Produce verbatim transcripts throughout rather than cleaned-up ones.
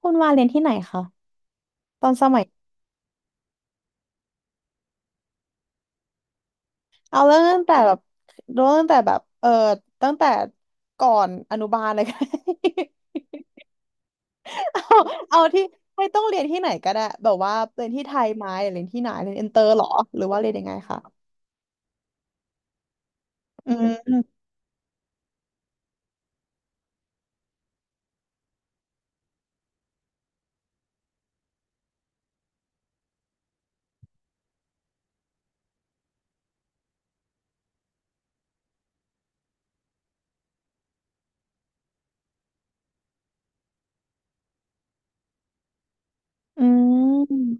คุณวาเรียนที่ไหนคะสมัยเอาเรื่องตั้งแต่แบบเรื่องตั้งแต่แบบเออตั้งแต่ก่อนอนุบาลเลยก็ได้ เอาเอาที่ไม่ต้องเรียนที่ไหนก็ได้แบบว่าเรียนที่ไทยไหมหรือเรียนที่ไหนเรียนอินเตอร์เหรอหรือว่าเรียนยังไงคะอืมอืม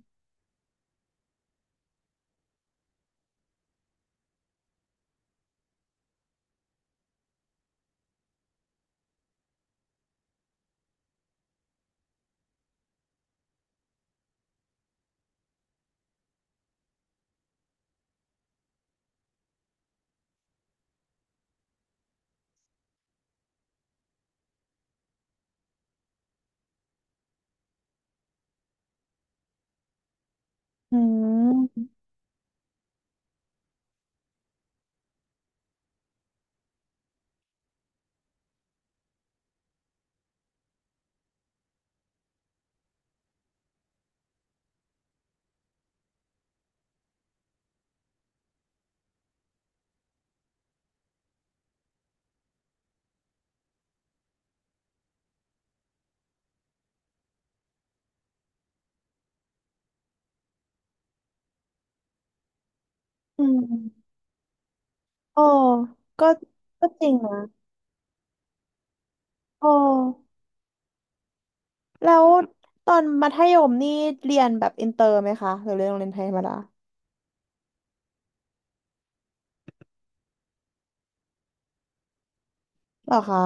อืมอืมโอ้ก็ก็จริงนะโอ้แล้วตอนมัธยมนี่เรียนแบบอินเตอร์ไหมคะหรือเรียนโรงเรียนไทยธรรมดาเหรอคะ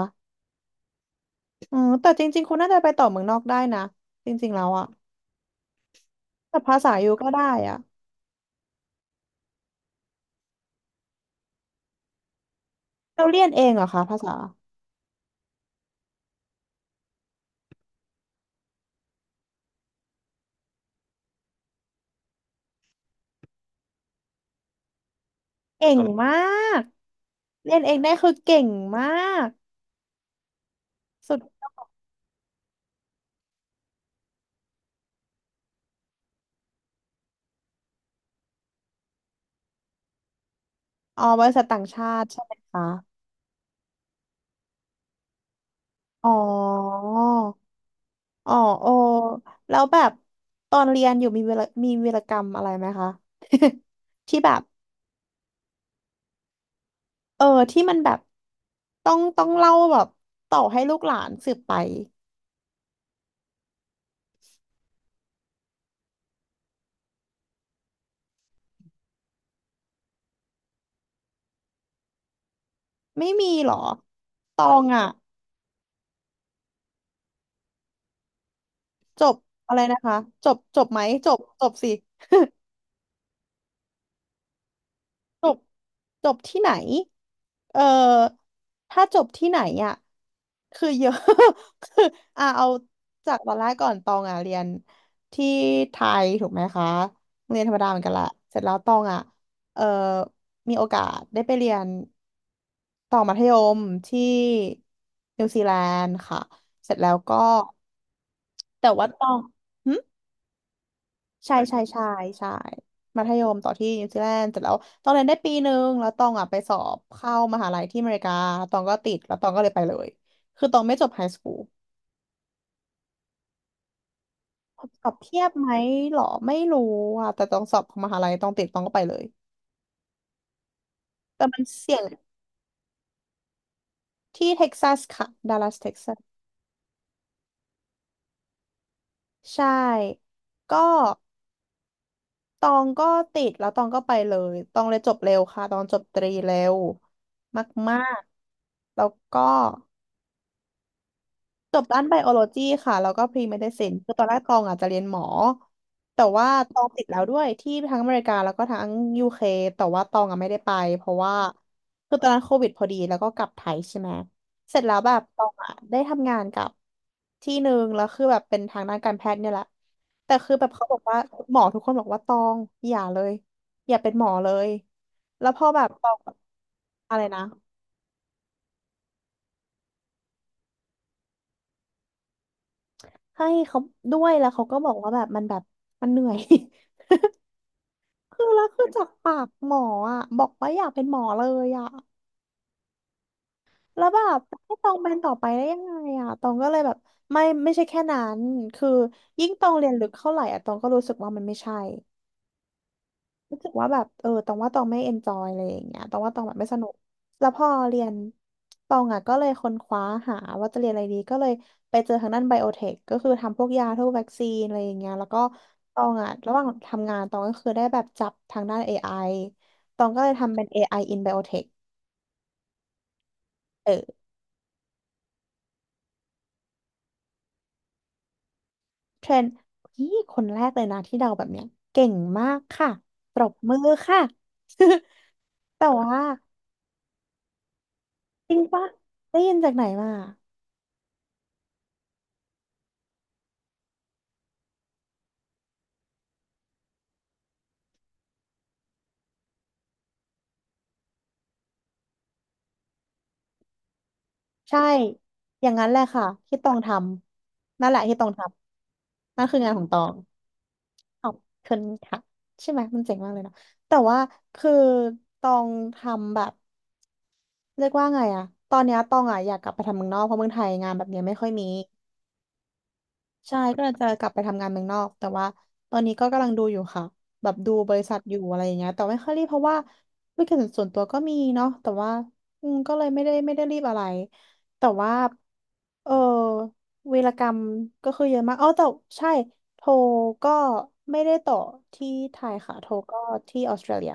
อืมแต่จริงๆคุณน่าจะไปต่อเมืองนอกได้นะจริงๆแล้วอะแต่ภาษาอยู่ก็ได้อะเราเรียนเองเหรอคะภาษาเก่งมากเรียนเองได้คือเก่งมากสุดอ๋อบริษัทต่างชาติใช่ไหมคะอ๋ออ๋อโอแล้วแบบตอนเรียนอยู่มีเวลามีวีรกรรมอะไรไหมคะ ที่แบบเออที่มันแบบต้องต้องเล่าแบบต่อให้ลูกหลานสืบไปไม่มีเหรอตองอ่ะ จบอะไรนะคะจบจบไหมจบจบสิจบจบที่ไหนเออถ้าจบที่ไหนอ่ะคือเยอะ คืออ่ะเอาจากตอนแรกก่อนตองอ่ะเรียนที่ไทยถูกไหมคะโรงเรียนธรรมดาเหมือนกันแหละเสร็จแล้วตองอ่ะเออมีโอกาสได้ไปเรียนต่อมัธยมที่นิวซีแลนด์ค่ะเสร็จแล้วก็แต่ว่าตอง ใช่ใช่ใช่ใช่มัธยมต่อที่นิวซีแลนด์เสร็จแล้วตองเรียนได้ปีหนึ่งแล้วตองอ่ะไปสอบเข้ามหาลัยที่อเมริกาตองก็ติดแล้วตองก็เลยไปเลยคือตองไม่จบไฮสคูลสอบเทียบไหมหรอไม่รู้อ่ะแต่ตองสอบของมหาลัยตองติดตองก็ไปเลยแต่มันเสี่ยงที่เท็กซัสค่ะดัลลัสเท็กซัสใช่ ก็ตองก็ติดแล้วตองก็ไปเลยตองเลยจบเร็วค่ะตองจบตรีเร็วมากๆแล้วก็ จบด้านไบโอโลจีค่ะแล้วก็พรีเมดิซินคือตอนแรกตองอาจจะเรียนหมอแต่ว่าตองติดแล้วด้วยที่ทั้งอเมริกาแล้วก็ทั้งยูเคแต่ว่าตองอะไม่ได้ไปเพราะว่าคือตอนนั้นโควิดพอดีแล้วก็กลับไทยใช่ไหมเสร็จแล้วแบบตองอะได้ทำงานกับที่หนึ่งแล้วคือแบบเป็นทางด้านการแพทย์เนี่ยแหละแต่คือแบบเขาบอกว่าหมอทุกคนบอกว่าตองอย่าเลยอย่าเป็นหมอเลยแล้วพอแบบตองอะไรนะให้เขาด้วยแล้วเขาก็บอกว่าแบบมันแบบมันเหนื่อย คือแล้วคือจากปากหมออะบอกว่าอยากเป็นหมอเลยอะแล้วแบบให้ตองเป็นต่อไปได้ยังไงอะตองก็เลยแบบไม่ไม่ใช่แค่นั้นคือยิ่งตองเรียนลึกเท่าไหร่อะตองก็รู้สึกว่ามันไม่ใช่ รู้สึกว่าแบบเออตองว่าตองไม่เอนจอยอะไรอย่างเงี้ยตองว่าตองแบบไม่สนุกแล้วพอเรียนตองอ่ะก็เลยค้นคว้าหาว่าจะเรียนอะไรดีก็เลยไปเจอทางด้านไบโอเทคก็คือทำพวกยาพวกวัคซีนอะไรอย่างเงี้ยแล้วก็ตองอ่ะระหว่างทำงานตองก็คือได้แบบจับทางด้านเอไอตองก็เลยทำเป็นเอไอ in biotech เออเทรนนี่คนแรกเลยนะที่เดาแบบเนี้ยเก่งมากค่ะปรบมือค่ะ แต่ว่าจริงปะได้ยินจากไหนมา ใช่ อย่างนั้นแหละค่ะที่ตองทำนั่นแหละที่ตองทำนั่นคืองานของตองขอบคุณค่ะใช่ไหมมันเจ๋งมากเลยเนาะแต่ว่าคือตองทำแบบเรียกว่าไงอะตอนเนี้ยตองอะอยากกลับไปทำเมืองนอกเพราะเมืองไทยงานแบบเนี้ยไม่ค่อยมี ใช่ก็เลยจะกลับไปทำงานเมืองนอกแต่ว่าตอนนี้ก็กำลังดูอยู่ค่ะแบบดูบริษัทอยู่อะไรอย่างเงี้ยแต่ไม่ค่อยรีบเพราะว่าธุรกิจส่วนตัวก็มีเนาะแต่ว่าอืมก็เลยไม่ได้ไม่ได้รีบอะไรแต่ว่าเออวีรกรรมก็คือเยอะมากอ๋อแต่ใช่โทรก็ไม่ได้ต่อที่ไทยค่ะโทรก็ที่ออสเตรเลีย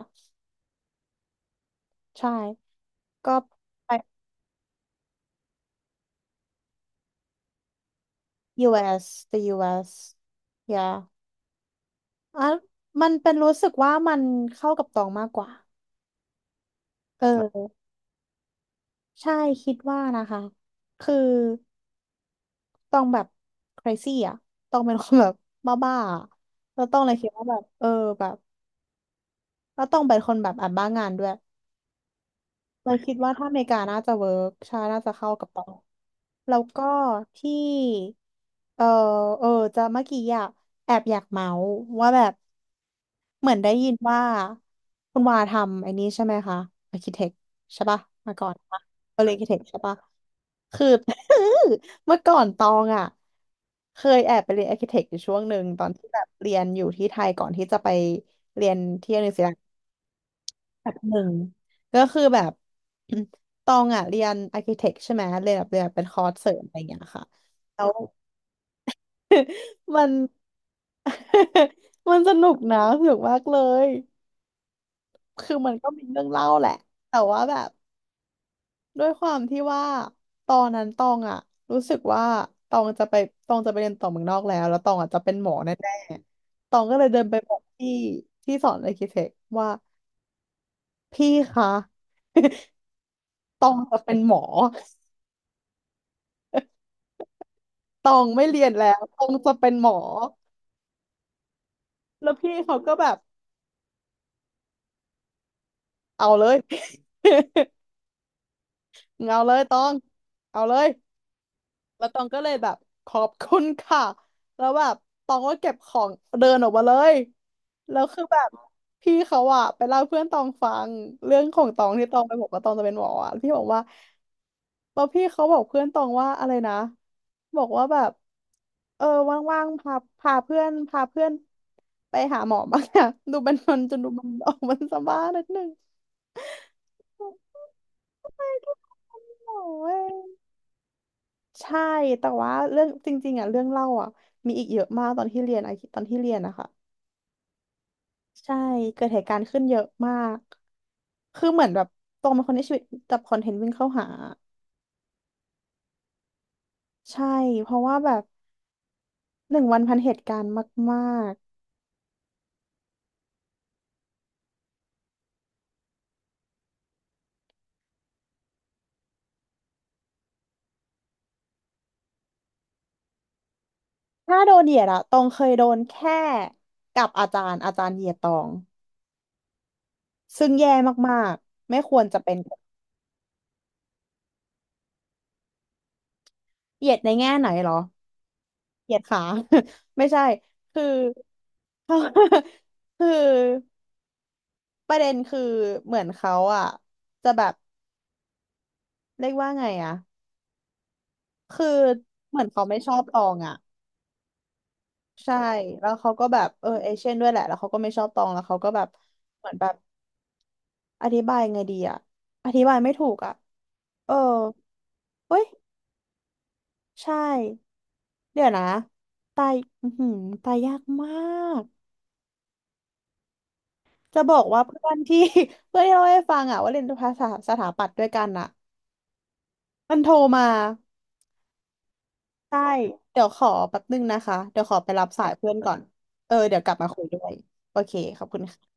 ใช่ก็ไป ยู เอส the ยู เอส yeah อ่ะมันเป็นรู้สึกว่ามันเข้ากับตองมากกว่า เออใช่คิดว่านะคะคือต้องแบบ crazy อ่ะต้องเป็นคนแบบบ้าๆอะแล้วต้องเลยคิดว่าแบบเออแบบแล้วต้องเป็นคนแบบอ่านบ้างานด้วย เราคิดว่าถ้าอเมริกาน่าจะเวิร์กใช่น่าจะเข้ากับเราแล้วก็ที่เออเออจะเมื่อกี้อะแอบอยากเมาส์ว่าแบบเหมือนได้ยินว่าคุณวาทำไอ้นี้ใช่ไหมคะอาร์คิเทคใช่ปะมาก่อนปะเาเรียนอาร์คิเทคใช่ปะคือ เมื่อก่อนตองอะเคยแอบไปเรียนอาร์คิเทคอยู่ช่วงหนึ่งตอนที่แบบเรียนอยู่ที่ไทยก่อนที่จะไป แบบหนึ่งก็คือแบบ ตองอ่ะเรียนอาร์คิเทคใช่ไหมเรียนแบบเรียนแบบเป็นคอร์สเสริมอะไรอย่างเงี้ยค่ะแล้วมัน มันสนุกนะสนุกมากเลยคือมันก็มีเรื่องเล่าแหละแต่ว่าแบบด้วยความที่ว่าตอนนั้นตองอ่ะรู้สึกว่าตองจะไปตองจะไปเรียนต่อเมืองนอกแล้วแล้วตองอ่ะจะเป็นหมอแน่ๆตองก็เลยเดินไปบอกพี่ที่สอนอาร์คิเทคว่าพี่คะ ตองจะเป็นหมอ ตองไม่เรียนแล้วตองจะเป็นหมอแล้วพี่เขาก็แบบเอาเลย เอาเลยตองเอาเลย แล้วตองก็เลยแบบขอบคุณค่ะแล้วแบบตองก็เก็บของเดินออกมาเลยแล้วคือแบบพี่เขาอะไปเล่าให้เพื่อนตองฟังเรื่องของตองที่ตองไปบอกว่าตองจะเป็นหมออะพี่บอกว่าแล้วพี่เขาบอกเพื่อนตองว่าอะไรนะบอกว่าแบบเออว่างๆพาพาเพื่อนพาเพื่อนไปหาหมอบ้างนะ ดูมันมันจนดูมันออกมันสบ้านิดนึง ไม่ได้เป็นหมอเว้ย ใช่แต่ว่าเรื่องจริงๆอ่ะเรื่องเล่าอ่ะมีอีกเยอะมากตอนที่เรียนอะตอนที่เรียนนะคะใช่เกิดเหตุการณ์ขึ้นเยอะมากคือเหมือนแบบตรงเป็นคนที่ชีวิตจับคอนเทนต์วิ่งเข้าหาใช่เพราะว่าแบบหนึ่งวันพันเหตุการณ์มากๆถ้าโดนเหยียดอะตองเคยโดนแค่กับอาจารย์อาจารย์เหยียดตองซึ่งแย่มากๆไม่ควรจะเป็นเหยียดในแง่ไหนเหรอเหยียดขา ไม่ใช่คือ คือ ประเด็นคือเหมือนเขาอ่ะจะแบบเรียกว่าไงอ่ะคือเหมือนเขาไม่ชอบตองอ่ะใช่แล้วเขาก็แบบเออเอเชียนด้วยแหละแล้วเขาก็ไม่ชอบตองแล้วเขาก็แบบเหมือนแบบอธิบายไงดีอ่ะอธิบายไม่ถูกอ่ะเออเฮ้ยใช่เดี๋ยวนะตายอือหือตายยากมากจะบอกว่าเพื่อนที่ เพื่อนที่เราให้ฟังอ่ะว่าเรียนภาษาสถาปัตย์ด้วยกันอ่ะมันโทรมา ใช่เดี๋ยวขอแป๊บนึงนะคะเดี๋ยวขอไปรับสายเพื่อนก่อนเออเดี๋ยวกลับมาคุยด้วยโอเคขอบคุณค่ะ